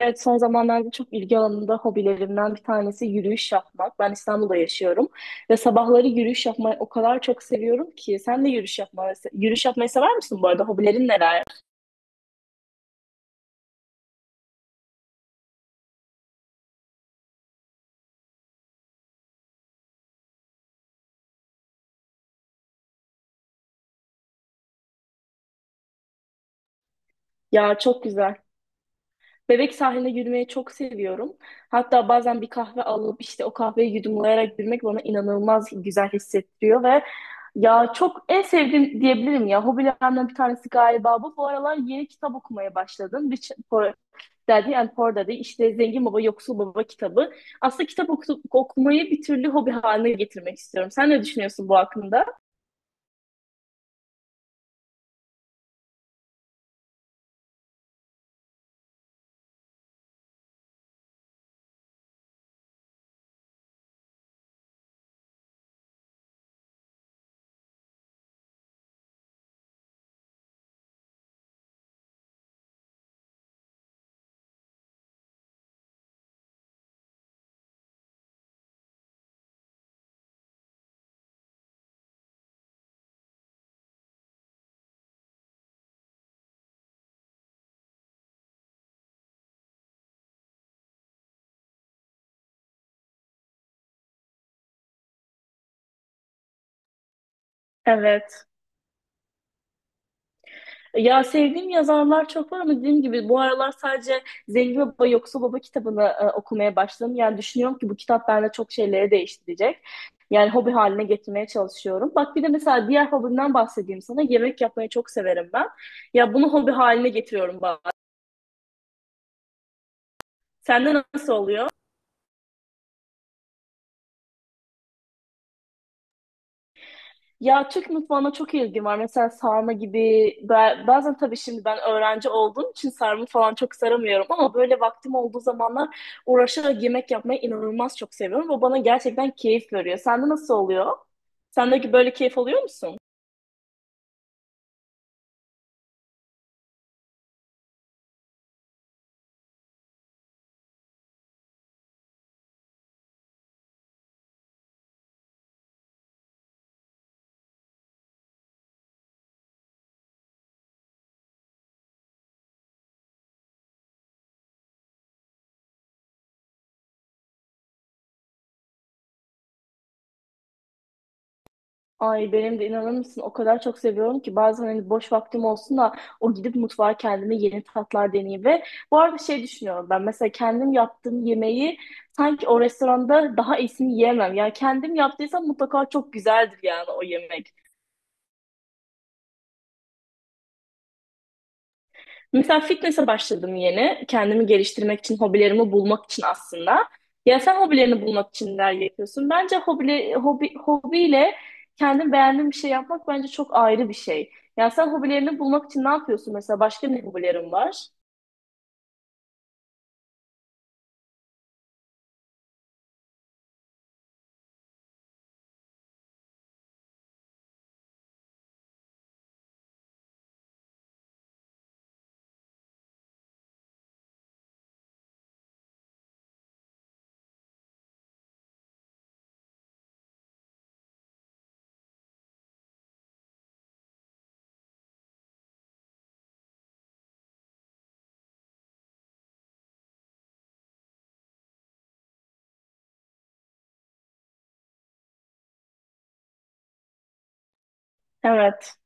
Evet, son zamanlarda çok ilgi alanımda hobilerimden bir tanesi yürüyüş yapmak. Ben İstanbul'da yaşıyorum ve sabahları yürüyüş yapmayı o kadar çok seviyorum ki. Sen de yürüyüş yapmayı, yürüyüş yapmayı sever misin bu arada? Hobilerin neler? Ya çok güzel. Bebek sahile yürümeyi çok seviyorum. Hatta bazen bir kahve alıp işte o kahveyi yudumlayarak yürümek bana inanılmaz güzel hissettiriyor ve ya çok en sevdiğim diyebilirim ya. Hobilerimden bir tanesi galiba bu. Bu aralar yeni kitap okumaya başladım. Rich Poor Daddy and Poor Daddy işte Zengin Baba Yoksul Baba kitabı. Aslında okumayı bir türlü hobi haline getirmek istiyorum. Sen ne düşünüyorsun bu hakkında? Evet. Ya sevdiğim yazarlar çok var ama dediğim gibi bu aralar sadece Zengin Baba Yoksul Baba kitabını okumaya başladım. Yani düşünüyorum ki bu kitap bende çok şeyleri değiştirecek. Yani hobi haline getirmeye çalışıyorum. Bak bir de mesela diğer hobimden bahsedeyim sana. Yemek yapmayı çok severim ben. Ya bunu hobi haline getiriyorum bazen. Sende nasıl oluyor? Ya Türk mutfağına çok ilgim var. Mesela sarma gibi bazen tabii şimdi ben öğrenci olduğum için sarma falan çok saramıyorum ama böyle vaktim olduğu zamanlar uğraşarak yemek yapmayı inanılmaz çok seviyorum. Bu bana gerçekten keyif veriyor. Sende nasıl oluyor? Sendeki böyle keyif alıyor musun? Ay benim de inanır mısın o kadar çok seviyorum ki bazen hani boş vaktim olsun da o gidip mutfağa kendime yeni tatlar deneyeyim ve bu arada şey düşünüyorum ben mesela kendim yaptığım yemeği sanki o restoranda daha iyisini yiyemem. Yani kendim yaptıysam mutlaka çok güzeldir yani o yemek. Mesela fitness'e başladım yeni. Kendimi geliştirmek için, hobilerimi bulmak için aslında. Ya sen hobilerini bulmak için neler yapıyorsun? Bence hobiyle kendin beğendiğin bir şey yapmak bence çok ayrı bir şey. Ya sen hobilerini bulmak için ne yapıyorsun? Mesela başka ne hobilerin var? Evet.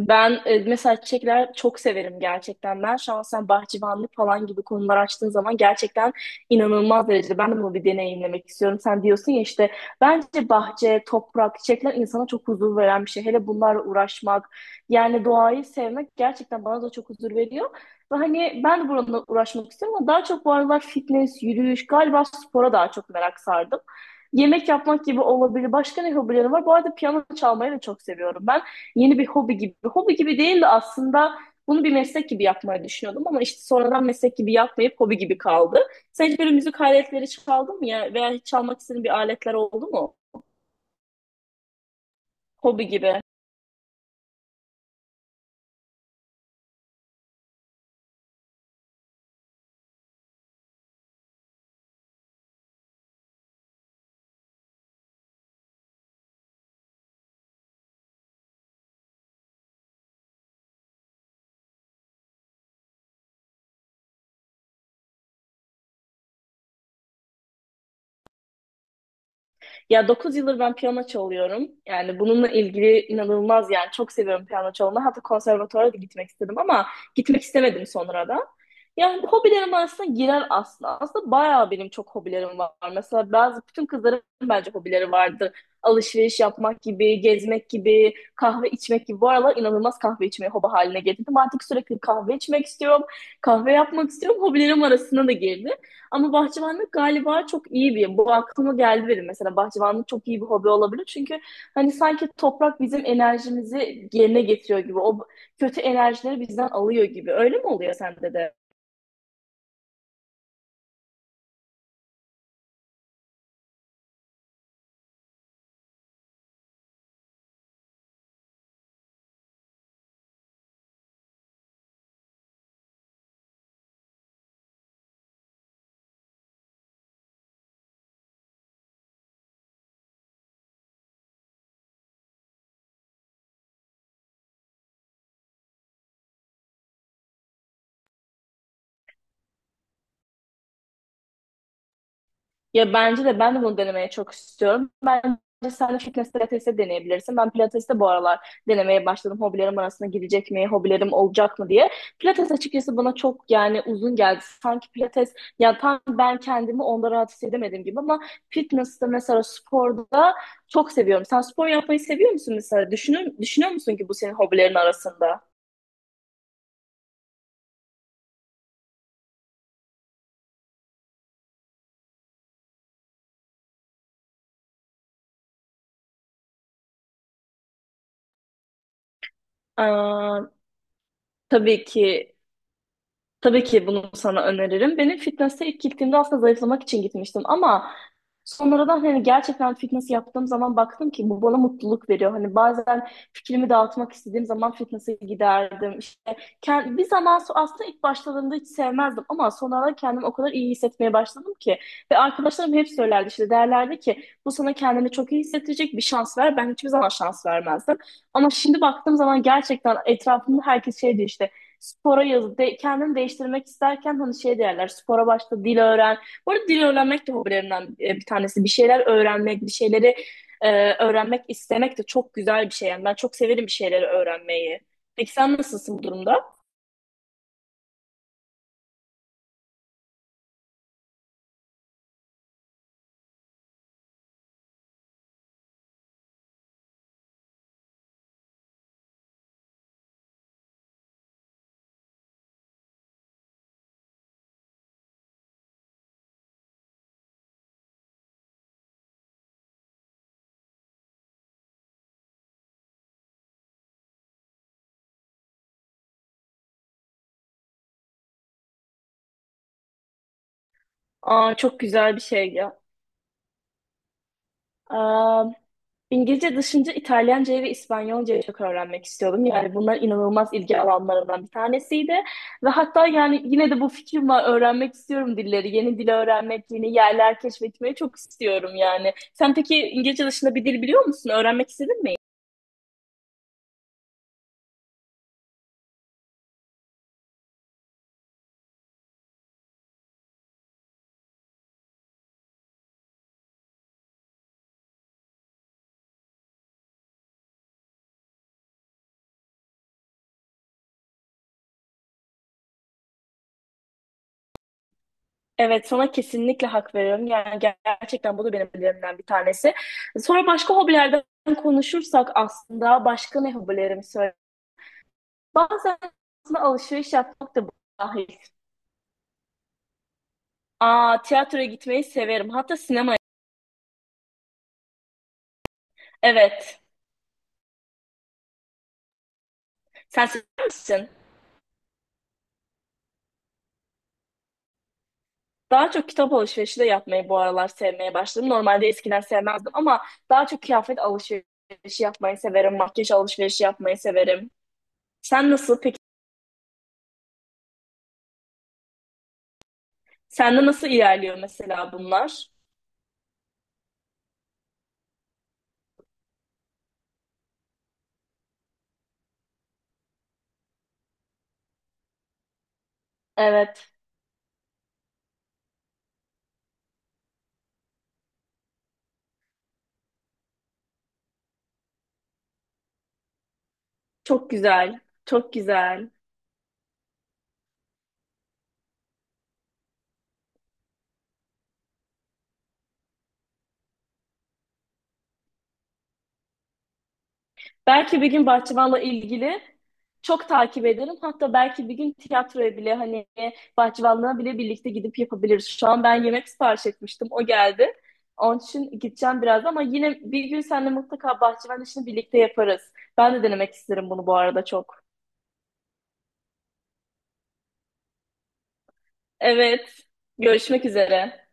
Ben mesela çiçekler çok severim gerçekten. Ben şahsen bahçıvanlık falan gibi konular açtığın zaman gerçekten inanılmaz derecede ben de bunu bir deneyimlemek istiyorum. Sen diyorsun ya işte bence bahçe, toprak, çiçekler insana çok huzur veren bir şey. Hele bunlarla uğraşmak yani doğayı sevmek gerçekten bana da çok huzur veriyor. Ve hani ben de bununla uğraşmak istiyorum ama daha çok bu aralar fitness, yürüyüş, galiba spora daha çok merak sardım. Yemek yapmak gibi olabilir. Başka ne hobilerim var? Bu arada piyano çalmayı da çok seviyorum. Yeni bir hobi gibi. Hobi gibi değil de aslında bunu bir meslek gibi yapmayı düşünüyordum ama işte sonradan meslek gibi yapmayıp hobi gibi kaldı. Sen hiç böyle müzik aletleri çaldın mı ya veya hiç çalmak istediğin bir aletler oldu mu? Hobi gibi. Ya 9 yıldır ben piyano çalıyorum. Yani bununla ilgili inanılmaz yani çok seviyorum piyano çalmayı. Hatta konservatuvara da gitmek istedim ama gitmek istemedim sonra da. Yani hobilerim arasında girer aslında. Aslında bayağı benim çok hobilerim var. Mesela bazı bütün kızların bence hobileri vardır. Alışveriş yapmak gibi, gezmek gibi, kahve içmek gibi. Bu aralar inanılmaz kahve içmeyi hobi haline getirdim. Artık sürekli kahve içmek istiyorum, kahve yapmak istiyorum. Hobilerim arasına da girdi. Ama bahçıvanlık galiba çok iyi bir, bu aklıma geldi benim mesela bahçıvanlık çok iyi bir hobi olabilir. Çünkü hani sanki toprak bizim enerjimizi yerine getiriyor gibi, o kötü enerjileri bizden alıyor gibi. Öyle mi oluyor sende de? Ya bence de ben de bunu denemeye çok istiyorum. Bence sen de fitness pilatesi deneyebilirsin. Ben pilatesi de bu aralar denemeye başladım. Hobilerim arasına girecek mi, hobilerim olacak mı diye. Pilates açıkçası bana çok yani uzun geldi. Sanki pilates ya tam ben kendimi onda rahat hissedemedim gibi ama fitness'te mesela sporda çok seviyorum. Sen spor yapmayı seviyor musun mesela? Düşünüyor musun ki bu senin hobilerin arasında? Aa, tabii ki Tabii ki bunu sana öneririm. Benim fitness'e ilk gittiğimde aslında zayıflamak için gitmiştim ama sonradan hani gerçekten fitness yaptığım zaman baktım ki bu bana mutluluk veriyor. Hani bazen fikrimi dağıtmak istediğim zaman fitness'e giderdim. İşte aslında ilk başladığımda hiç sevmezdim ama sonradan kendimi o kadar iyi hissetmeye başladım ki ve arkadaşlarım hep söylerdi işte derlerdi ki bu sana kendini çok iyi hissettirecek bir şans ver. Ben hiçbir zaman şans vermezdim. Ama şimdi baktığım zaman gerçekten etrafımda herkes şey diyor işte spora yaz, de, kendini değiştirmek isterken hani şey derler, spora başla, dil öğren. Bu arada dil öğrenmek de hobilerimden bir tanesi. Bir şeyler öğrenmek, bir şeyleri öğrenmek istemek de çok güzel bir şey. Yani ben çok severim bir şeyleri öğrenmeyi. Peki sen nasılsın bu durumda? Aa, çok güzel bir şey ya. Aa, İngilizce dışında İtalyancayı ve İspanyolcayı çok öğrenmek istiyordum. Yani bunlar inanılmaz ilgi alanlarımdan bir tanesiydi. Ve hatta yani yine de bu fikrim var. Öğrenmek istiyorum dilleri. Yeni dil öğrenmek, yeni yerler keşfetmeyi çok istiyorum yani. Sen peki İngilizce dışında bir dil biliyor musun? Öğrenmek istedin mi? Evet, sana kesinlikle hak veriyorum. Yani gerçekten bu da benim hobilerimden bir tanesi. Sonra başka hobilerden konuşursak aslında başka ne hobilerimi söyle. Bazen aslında alışveriş yapmak da dahil. Aa, tiyatroya gitmeyi severim. Hatta sinemaya. Evet. Sen sever misin? Daha çok kitap alışverişi de yapmayı bu aralar sevmeye başladım. Normalde eskiden sevmezdim ama daha çok kıyafet alışverişi yapmayı severim. Makyaj alışverişi yapmayı severim. Sen nasıl peki? Sende nasıl ilerliyor mesela bunlar? Evet. Çok güzel. Çok güzel. Belki bir gün bahçıvanla ilgili çok takip ederim. Hatta belki bir gün tiyatroya bile hani bahçıvanlığa bile birlikte gidip yapabiliriz. Şu an ben yemek sipariş etmiştim. O geldi. Onun için gideceğim biraz ama yine bir gün seninle mutlaka bahçıvan işini birlikte yaparız. Ben de denemek isterim bunu bu arada çok. Evet. Görüşmek üzere.